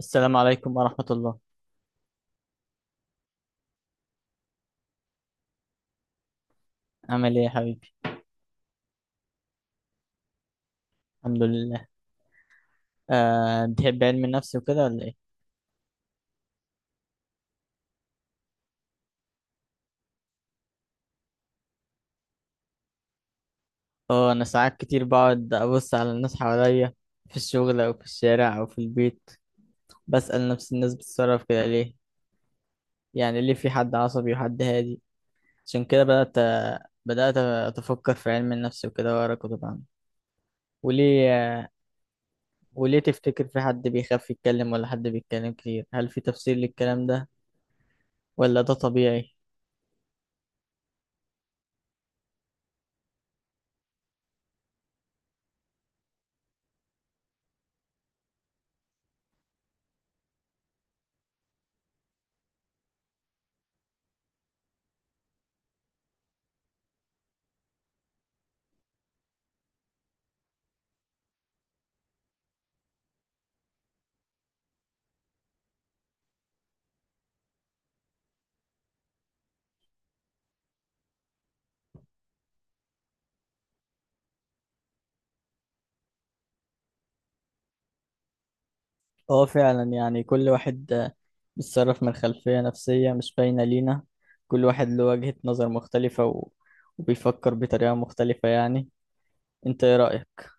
السلام عليكم ورحمة الله. عامل ايه يا حبيبي؟ الحمد لله. أه، بتحب علم النفس وكده ولا ايه؟ اه انا ساعات كتير بقعد ابص على الناس حواليا في الشغل او في الشارع او في البيت، بسأل نفسي الناس بتتصرف كده ليه، يعني ليه في حد عصبي وحد هادي. عشان كده بدأت اتفكر في علم النفس وكده واقرا كتب عنه. وليه وليه تفتكر في حد بيخاف يتكلم ولا حد بيتكلم كتير؟ هل في تفسير للكلام ده ولا ده طبيعي؟ اه فعلا، يعني كل واحد بيتصرف من خلفية نفسية مش باينة لينا. كل واحد له وجهة نظر مختلفة وبيفكر بطريقة مختلفة يعني. انت ايه رأيك؟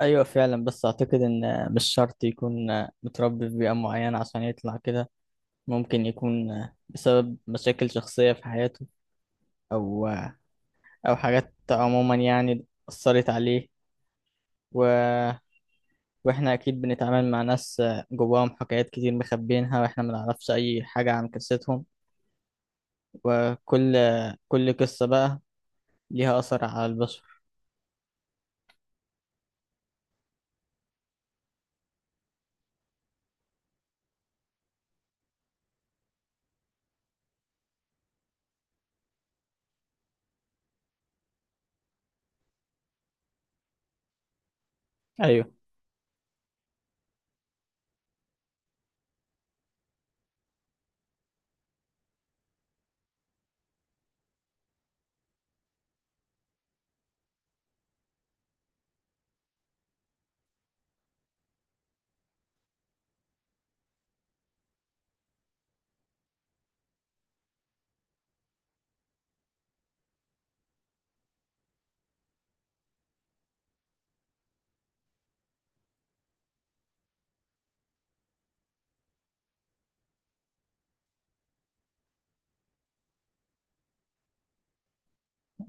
ايوه فعلا، بس اعتقد ان مش شرط يكون متربي في بيئة معينة عشان يطلع كده. ممكن يكون بسبب مشاكل شخصية في حياته، او او حاجات عموما يعني أثرت عليه و... واحنا اكيد بنتعامل مع ناس جواهم حكايات كتير مخبيينها واحنا ما نعرفش اي حاجة عن قصتهم. وكل قصة بقى ليها أثر على البشر. أيوه.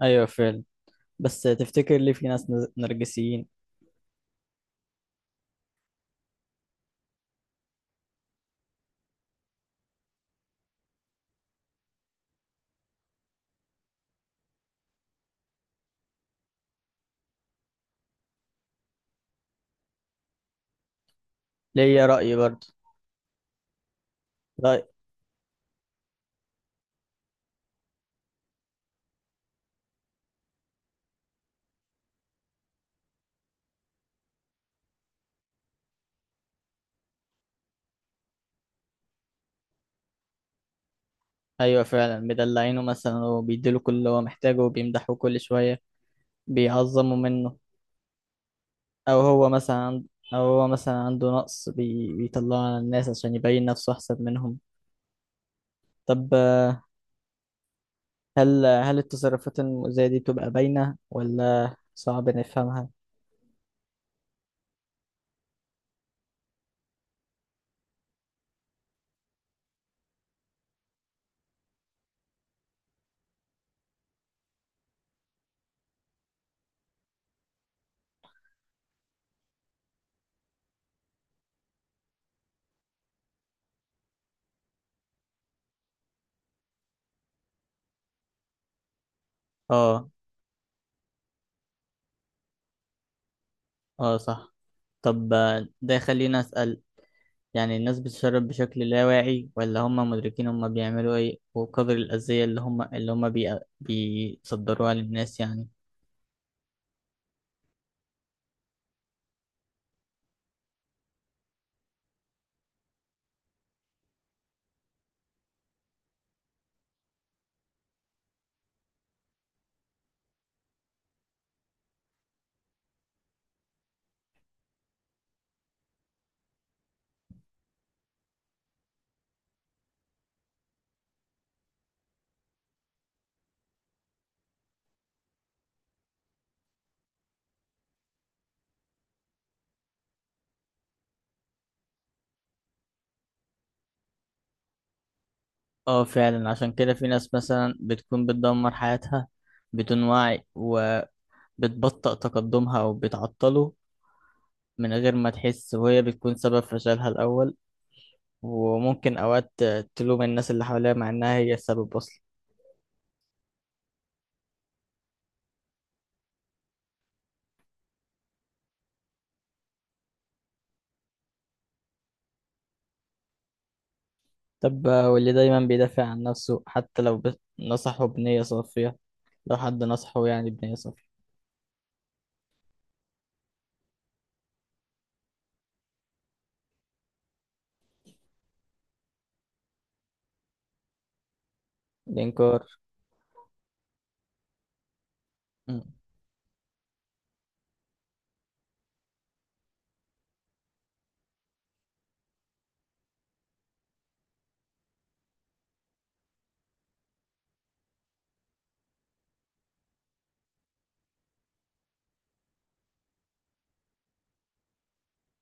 أيوه فعلا، بس تفتكر ليه في ناس نرجسيين؟ ليا رأي برضه، رأي. أيوه فعلا، مدلعينه مثلا وبيديله كل اللي هو محتاجه وبيمدحوه كل شوية، بيعظموا منه. أو هو مثلا عند- أو هو مثلا عنده نقص بيطلعه على الناس عشان يبين نفسه أحسن منهم. طب هل التصرفات المؤذية دي بتبقى باينة ولا صعب نفهمها؟ اه. اه صح. طب ده خلينا أسأل، يعني الناس بتشرب بشكل لا واعي ولا هم مدركين هم بيعملوا ايه وقدر الأذية اللي هم بيصدروها للناس يعني؟ اه فعلا، عشان كده في ناس مثلا بتكون بتدمر حياتها بدون وعي، وبتبطئ تقدمها أو بتعطله من غير ما تحس، وهي بتكون سبب فشلها الأول. وممكن أوقات تلوم الناس اللي حواليها مع إنها هي السبب أصلا. طب واللي دايما بيدافع عن نفسه حتى لو نصحه بنية صافية، لو حد نصحه يعني بنية صافية؟ الإنكار. م-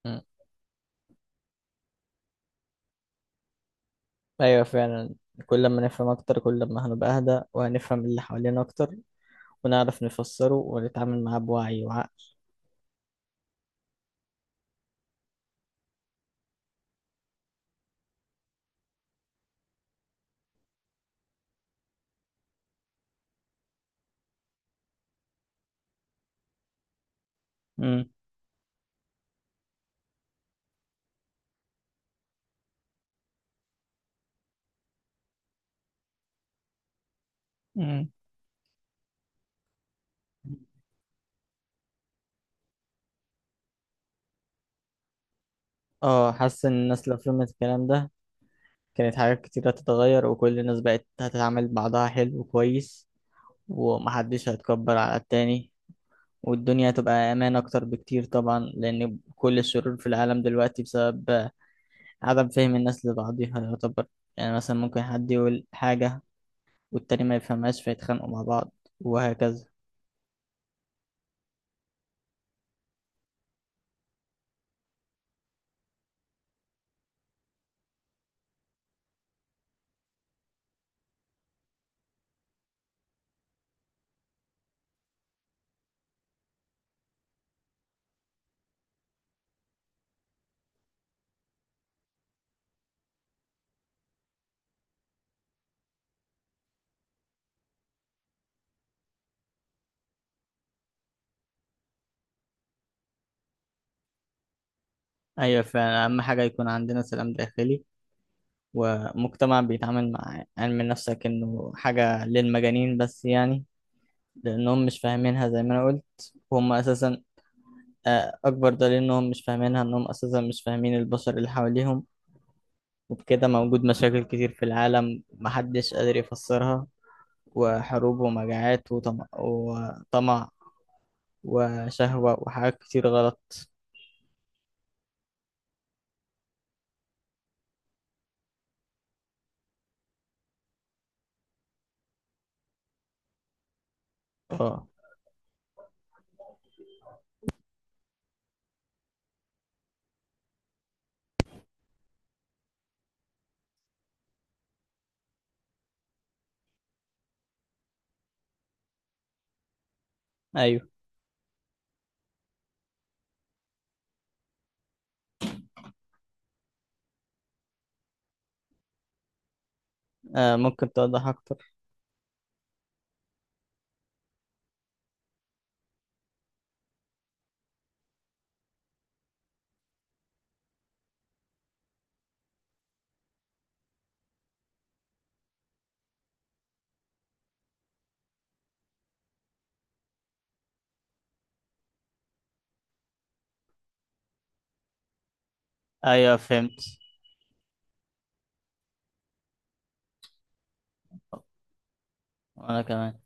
م. أيوة فعلا، كل ما نفهم أكتر كل ما هنبقى أهدى وهنفهم اللي حوالينا أكتر، ونعرف نفسره ونتعامل معاه بوعي وعقل. م. م. اه حاسس إن الناس لو فهمت الكلام ده، كانت حاجات كتير هتتغير وكل الناس بقت هتتعامل بعضها حلو وكويس، ومحدش هيتكبر على التاني، والدنيا هتبقى أمان أكتر بكتير طبعا، لأن كل الشرور في العالم دلوقتي بسبب عدم فهم الناس لبعضها يعتبر. يعني مثلا ممكن حد يقول حاجة والتاني ما يفهمهاش فيتخانقوا مع بعض، وهكذا. أيوة فعلا، أهم حاجة يكون عندنا سلام داخلي، ومجتمع بيتعامل مع علم النفس كأنه حاجة للمجانين بس يعني، لأنهم مش فاهمينها زي ما أنا قلت، وهم أساسا أكبر دليل إنهم مش فاهمينها إنهم أساسا مش فاهمين البشر اللي حواليهم. وبكده موجود مشاكل كتير في العالم محدش قادر يفسرها، وحروب ومجاعات وطمع، وشهوة وحاجات كتير غلط. اه. أيوة. آه ممكن توضح اكتر؟ ايوه فهمت. وانا كمان.